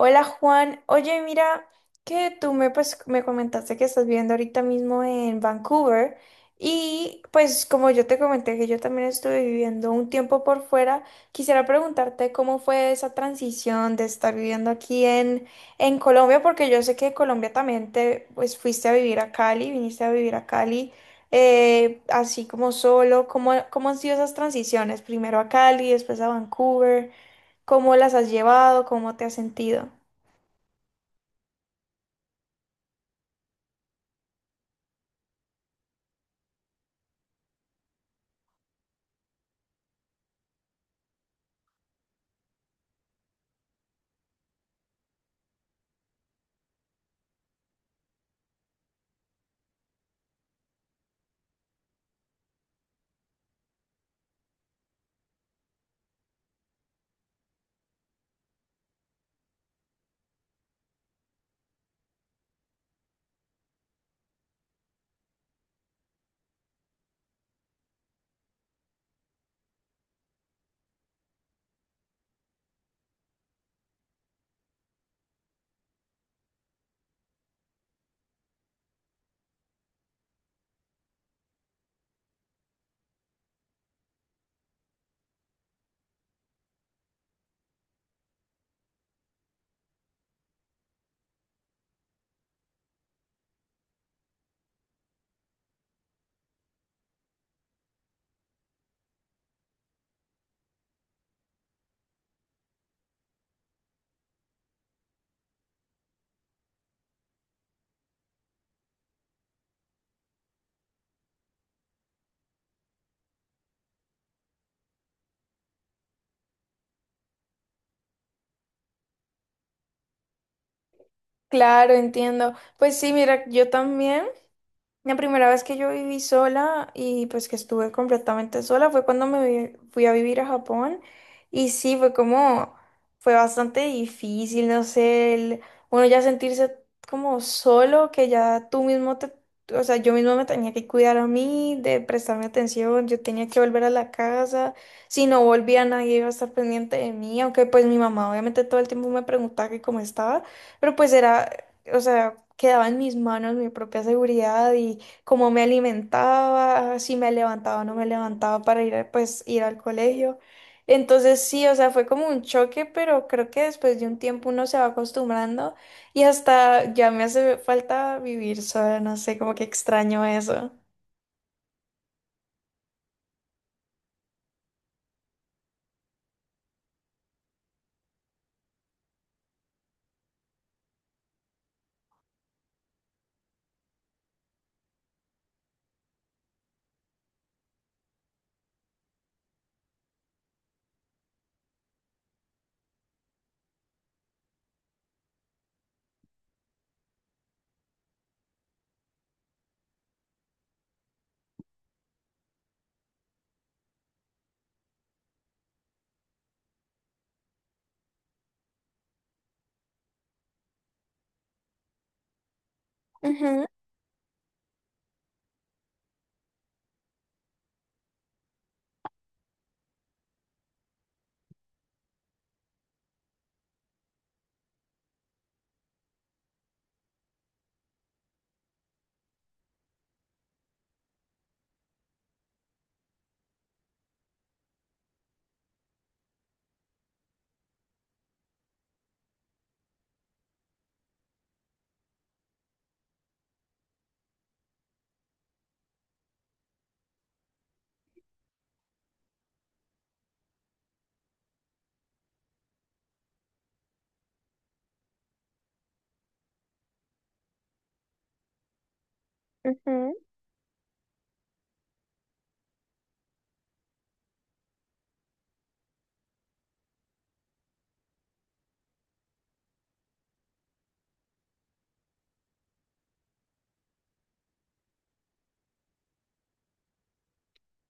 Hola Juan, oye, mira que tú me comentaste que estás viviendo ahorita mismo en Vancouver, y pues como yo te comenté que yo también estuve viviendo un tiempo por fuera, quisiera preguntarte cómo fue esa transición de estar viviendo en Colombia, porque yo sé que de Colombia también te fuiste a vivir a Cali, viniste a vivir a Cali, así como solo. ¿Cómo, cómo han sido esas transiciones? Primero a Cali, después a Vancouver. ¿Cómo las has llevado? ¿Cómo te has sentido? Claro, entiendo. Pues sí, mira, yo también, la primera vez que yo viví sola y pues que estuve completamente sola fue cuando me fui a vivir a Japón, y sí, fue fue bastante difícil, no sé, uno ya sentirse como solo, que ya tú mismo o sea, yo mismo me tenía que cuidar a mí, de prestarme atención, yo tenía que volver a la casa, si no volvía nadie iba a estar pendiente de mí, aunque pues mi mamá obviamente todo el tiempo me preguntaba que cómo estaba. Pero pues era, o sea, quedaba en mis manos mi propia seguridad y cómo me alimentaba, si me levantaba o no me levantaba para ir al colegio. Entonces sí, o sea, fue como un choque, pero creo que después de un tiempo uno se va acostumbrando y hasta ya me hace falta vivir sola, no sé, como que extraño eso. Ujú, ujú.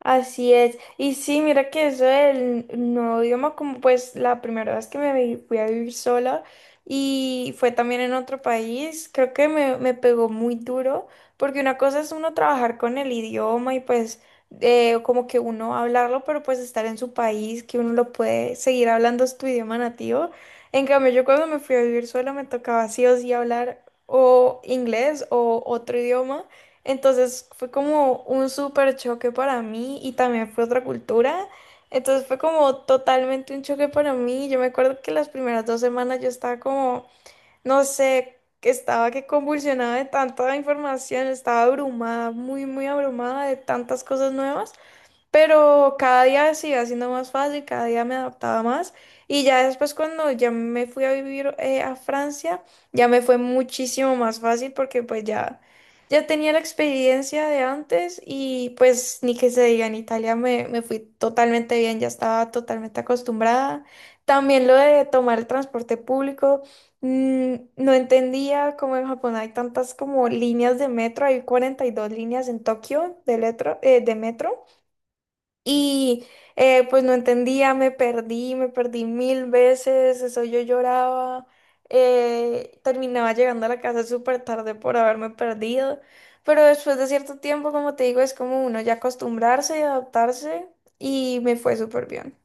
Así es. Y sí, mira que eso del nuevo idioma, como pues la primera vez que me fui a vivir sola y fue también en otro país, creo que me pegó muy duro, porque una cosa es uno trabajar con el idioma y como que uno hablarlo, pero pues estar en su país, que uno lo puede seguir hablando es tu idioma nativo. En cambio, yo cuando me fui a vivir sola me tocaba sí o sí hablar o inglés o otro idioma. Entonces fue como un súper choque para mí y también fue otra cultura. Entonces fue como totalmente un choque para mí. Yo me acuerdo que las primeras dos semanas yo estaba como, no sé, que estaba que convulsionaba de tanta información, estaba abrumada, muy abrumada de tantas cosas nuevas. Pero cada día se iba haciendo más fácil, cada día me adaptaba más. Y ya después cuando ya me fui a vivir a Francia, ya me fue muchísimo más fácil porque ya tenía la experiencia de antes, y pues ni que se diga, en Italia me fui totalmente bien, ya estaba totalmente acostumbrada. También lo de tomar el transporte público. No entendía cómo en Japón hay tantas como líneas de metro, hay 42 líneas en Tokio de metro. Y pues no entendía, me perdí mil veces, eso yo lloraba, terminaba llegando a la casa súper tarde por haberme perdido, pero después de cierto tiempo, como te digo, es como uno ya acostumbrarse y adaptarse, y me fue súper bien.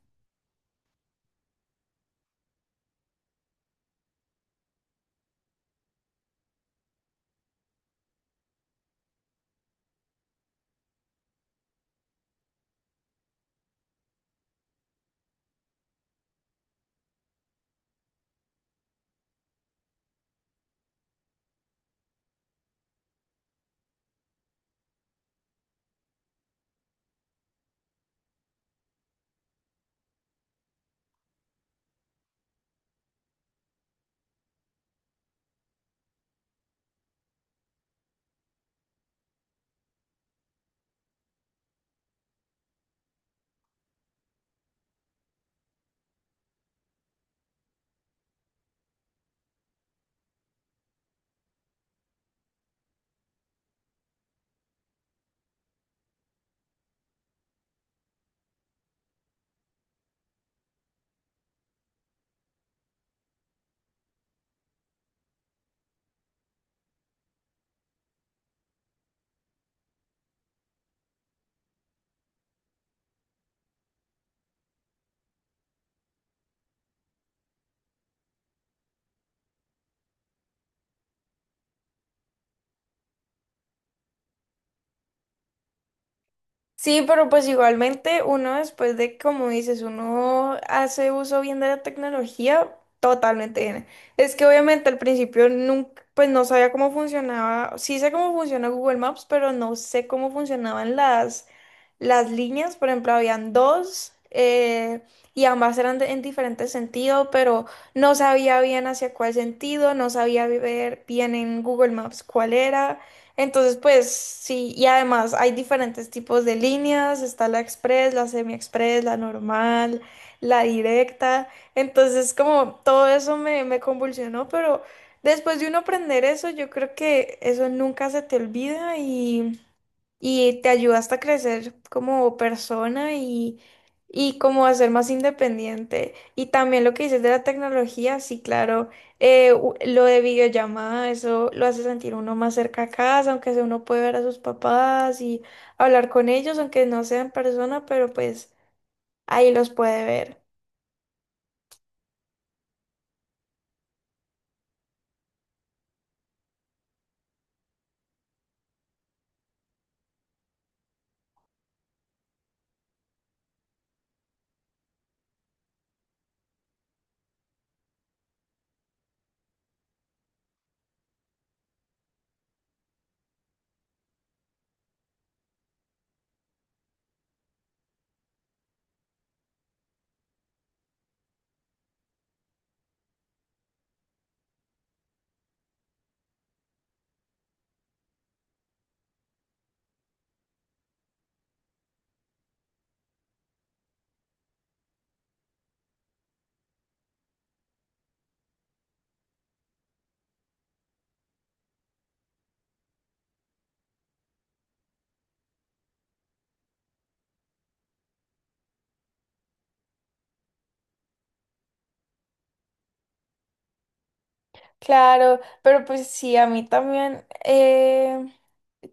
Sí, pero pues igualmente uno después de, como dices, uno hace uso bien de la tecnología, totalmente bien. Es que obviamente al principio nunca, pues no sabía cómo funcionaba, sí sé cómo funciona Google Maps, pero no sé cómo funcionaban las líneas, por ejemplo, habían dos y ambas eran en diferentes sentidos, pero no sabía bien hacia cuál sentido, no sabía ver bien en Google Maps cuál era. Entonces, pues sí, y además hay diferentes tipos de líneas, está la express, la semi-express, la normal, la directa. Entonces, como todo eso me convulsionó, pero después de uno aprender eso, yo creo que eso nunca se te olvida y te ayuda hasta a crecer como persona, y como a ser más independiente. Y también lo que dices de la tecnología, sí, claro, lo de videollamada, eso lo hace sentir uno más cerca a casa, aunque sea uno puede ver a sus papás y hablar con ellos, aunque no sea en persona, pero pues ahí los puede ver. Claro, pero pues sí, a mí también,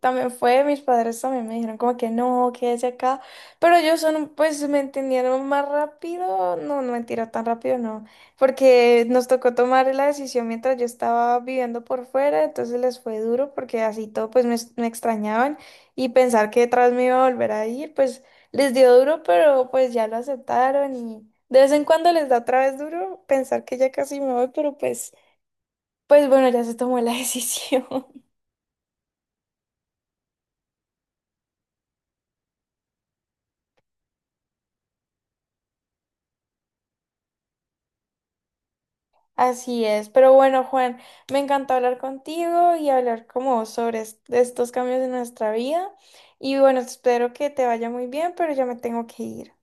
también fue, mis padres también me dijeron como que no, quédese acá, pero ellos son, pues me entendieron más rápido. No, no mentira, tan rápido no, porque nos tocó tomar la decisión mientras yo estaba viviendo por fuera, entonces les fue duro porque así todo, pues me extrañaban, y pensar que detrás me iba a volver a ir, pues les dio duro, pero pues ya lo aceptaron, y de vez en cuando les da otra vez duro pensar que ya casi me voy, pero pues... Pues bueno, ya se tomó la decisión. Así es. Pero bueno, Juan, me encantó hablar contigo y hablar como sobre estos cambios en nuestra vida. Y bueno, espero que te vaya muy bien, pero ya me tengo que ir.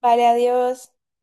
Vale, adiós.